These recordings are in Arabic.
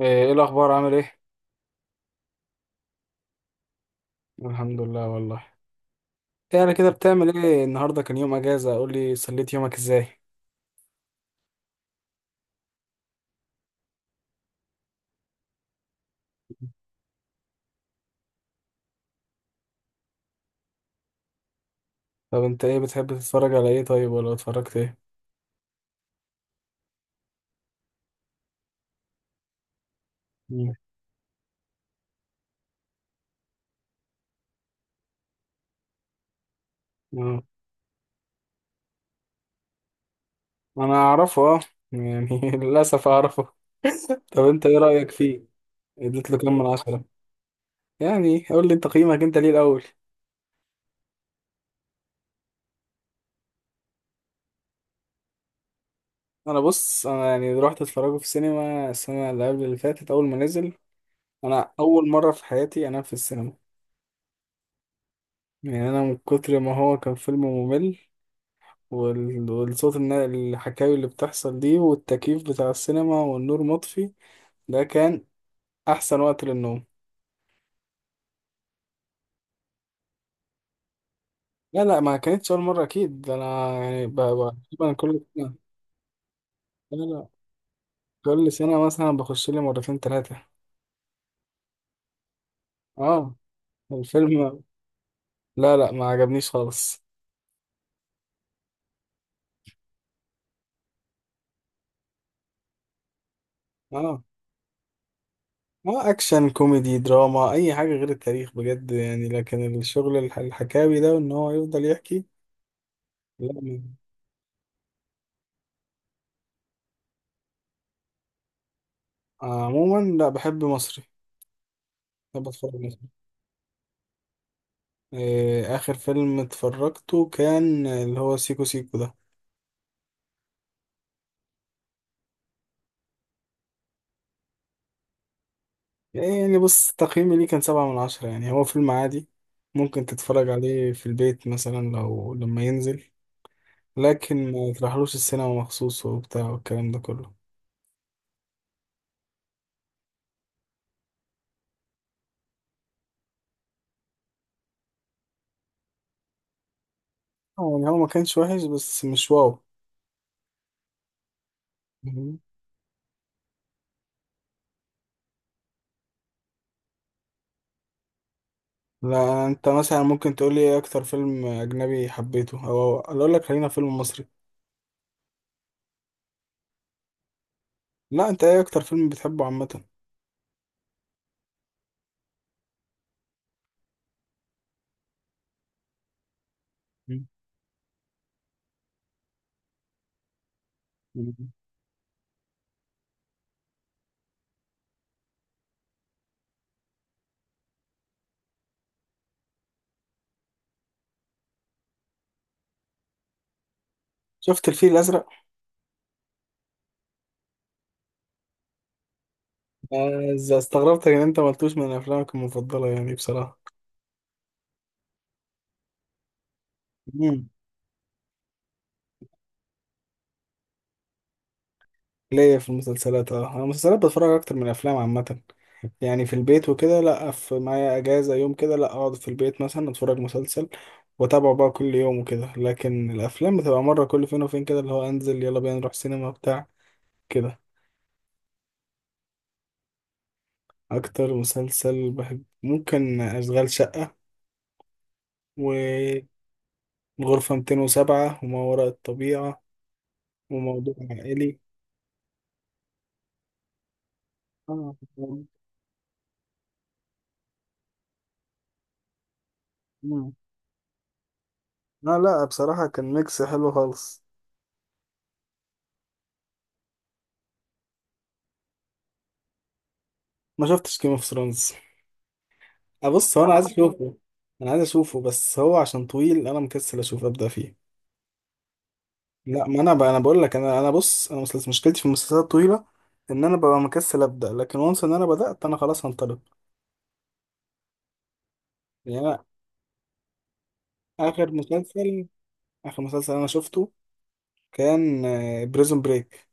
ايه إيه الاخبار، عامل ايه؟ الحمد لله والله. ايه انا كده بتعمل ايه النهارده؟ كان يوم اجازه، قول لي سليت يومك ازاي. طب انت ايه بتحب تتفرج على ايه؟ طيب ولا اتفرجت ايه؟ مم. آه. انا اعرفه اه. يعني للاسف اعرفه. طب انت ايه رايك فيه؟ اديت له كام من عشرة؟ يعني قول لي انت قيمك انت ليه الاول. انا بص يعني رحت اتفرجه في السينما السنه اللي قبل اللي فاتت اول ما نزل. انا اول مره في حياتي انام في السينما. يعني انا من كتر ما هو كان فيلم ممل. وال- والصوت الن- الحكاوي اللي بتحصل دي والتكييف بتاع السينما والنور مطفي، ده كان أحسن وقت للنوم. لا ما كانتش أول مرة أكيد. ده أنا يعني تقريبا كل سنة. لا كل سنة مثلا بخش لي مرتين تلاتة. اه الفيلم، لا ما عجبنيش خالص. اه. اه اكشن كوميدي دراما اي حاجه غير التاريخ بجد، يعني لكن الشغل الحكاوي ده وان هو يفضل يحكي. لا ما- عموما لا، بحب مصري. بحب اتفرج مصري. إيه، آخر فيلم اتفرجته كان اللي هو سيكو سيكو ده. يعني بص، تقييمي ليه كان سبعة من عشرة. يعني هو فيلم عادي، ممكن تتفرج عليه في البيت مثلا لو لما ينزل، لكن ما تروحلوش السينما مخصوص وبتاع والكلام ده كله. آه، يعني هو ما كانش وحش بس مش واو. مهم. لا، انت مثلا ممكن تقول لي ايه اكتر فيلم اجنبي حبيته، او أنا اقول لك خلينا فيلم مصري. لا، انت ايه اكتر فيلم بتحبه عامة؟ مم. شفت الفيل الازرق. آه، استغربتك ان انت ما قلتوش من افلامك المفضله يعني بصراحه. مم. ليا في المسلسلات اه. انا المسلسلات بتفرج اكتر من الافلام عامه. يعني في البيت وكده، لا في معايا اجازه يوم كده، لا اقعد في البيت مثلا اتفرج مسلسل واتابعه بقى كل يوم وكده. لكن الافلام بتبقى مره كل فين وفين كده، اللي هو انزل يلا بينا نروح سينما بتاع كده. اكتر مسلسل بحب ممكن اشغال شقه، وغرفه 207، وما وراء الطبيعه، وموضوع عائلي. اه. لا بصراحة كان ميكس حلو خالص. ما شفتش جيم اوف ثرونز. ابص هو انا لا عايز خطير اشوفه. انا عايز اشوفه بس هو عشان طويل انا مكسل اشوف ابدا فيه. لا ما انا بقى، انا بقول لك انا بص انا مسلسل مشكلتي في المسلسلات الطويلة ان انا ببقى مكسل ابدا، لكن وانس ان انا بدات انا خلاص هنطلق. يعني انا اخر مسلسل، اخر مسلسل انا شفته كان بريزون بريك.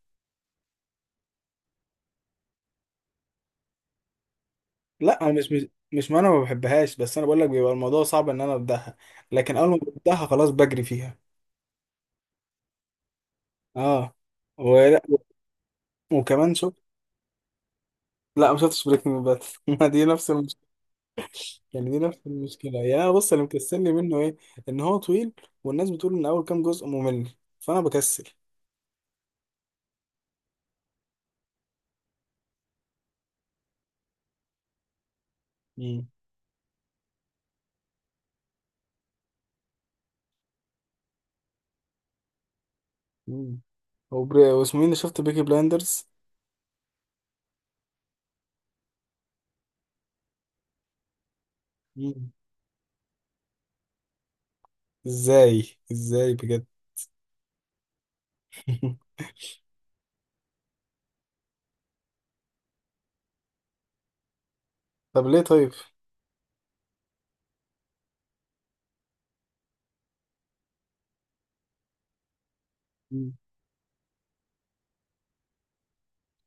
لا انا مش ما انا ما بحبهاش، بس انا بقول لك بيبقى الموضوع صعب ان انا ابداها. لكن اول ما ببداها خلاص بجري فيها. اه وكمان شوف. لا ما شفتش بريكنج باد. ما دي نفس المشكله. يعني دي نفس المشكله. يعني أنا بص، اللي مكسلني منه ايه؟ ان هو طويل، والناس بتقول ان اول كام جزء ممل، فانا بكسل. امم. امم هو واسمه مين؟ اللي شفت بيكي بلايندرز. امم. ازاي بجد. طب ليه طيب؟ مم.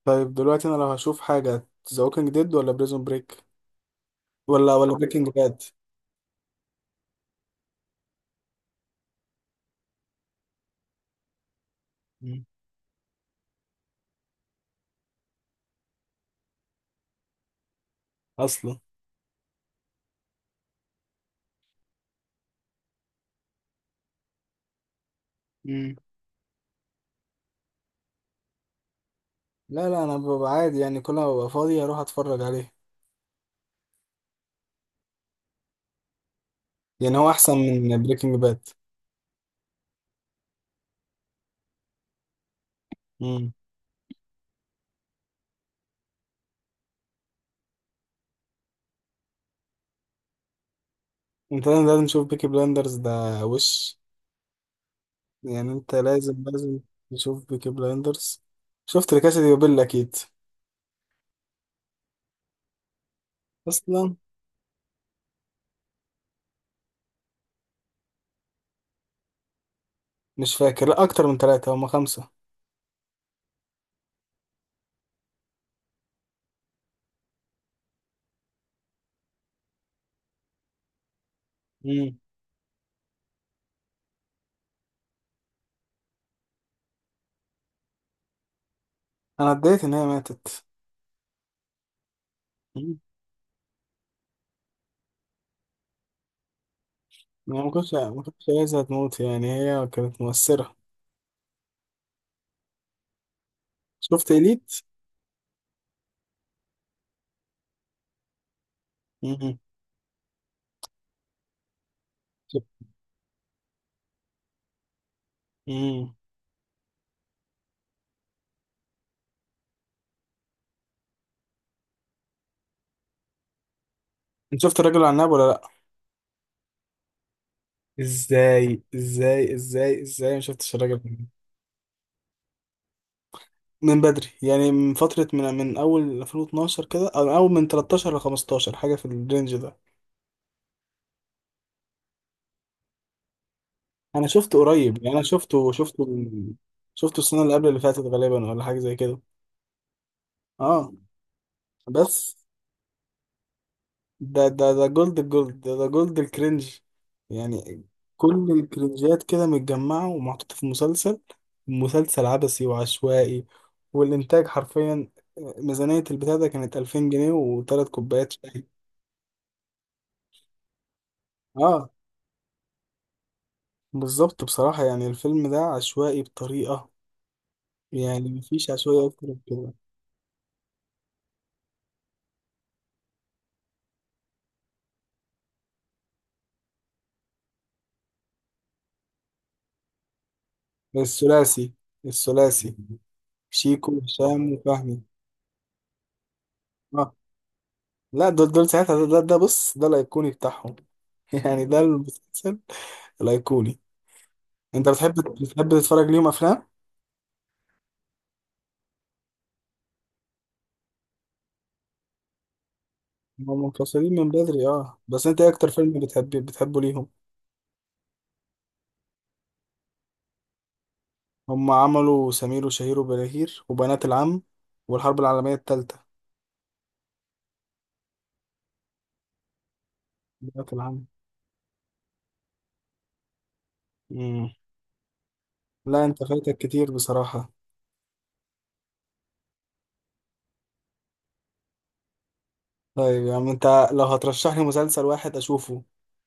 طيب دلوقتي انا لو هشوف حاجه، ذا ووكينج ديد ولا بريزون بريك ولا بريكنج باد؟ اصلا. مم. لا انا ببقى عادي، يعني كل ما ببقى فاضي اروح اتفرج عليه. يعني هو احسن من بريكنج باد؟ مم. انت لازم تشوف بيكي بلاندرز ده. وش يعني انت لازم لازم تشوف بيكي بلاندرز. شفت لكاسة دي بابيل اكيد. اصلا. مش فاكر، لا اكتر من ثلاثة، هما خمسة. مم. انا اتضايقت ان هي ماتت. مم. يعني ما كنتش عايزها تموت، يعني هي كانت مؤثرة. شفت اليت. مم. شف- مم. انت شفت الراجل العناب ولا لا؟ ازاي ما شفتش الراجل. من بدري، يعني من فترة، من أول 2012 كده، أو من أول من 13 ل 15، حاجة في الرينج ده. أنا شفته قريب، يعني أنا شفته شفته شفته السنة اللي قبل اللي فاتت غالبا، ولا حاجة زي كده. أه. بس ده جولد، الجولد ده، ده جولد الكرنج يعني. كل الكرنجات كده متجمعة ومحطوطة في مسلسل عبثي وعشوائي. والإنتاج حرفيا، آه، ميزانية البتاع ده كانت 2000 جنيه وتلات كوبايات شاي. اه بالظبط. بصراحة يعني الفيلم ده عشوائي بطريقة، يعني مفيش عشوائية أكتر من كده. الثلاثي الثلاثي شيكو هشام وفهمي. اه لا دول ساعتها، ده بص، ده الأيقوني بتاعهم. يعني ده المسلسل الأيقوني. أنت بتحب تتفرج ليهم أفلام؟ هم منفصلين من بدري اه، بس أنت إيه أكتر فيلم بتحبه ليهم؟ هم عملوا سمير وشهير وبهير، وبنات العم، والحرب العالمية التالتة. بنات العم. مم. لا أنت فايتك كتير بصراحة. طيب يا عم انت، لو هترشح لي مسلسل واحد اشوفه،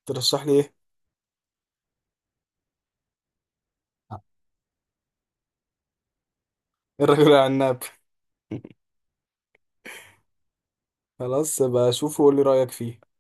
ترشح لي ايه؟ الرجل العناب. خلاص بقى اشوفه وقول لي رايك فيه.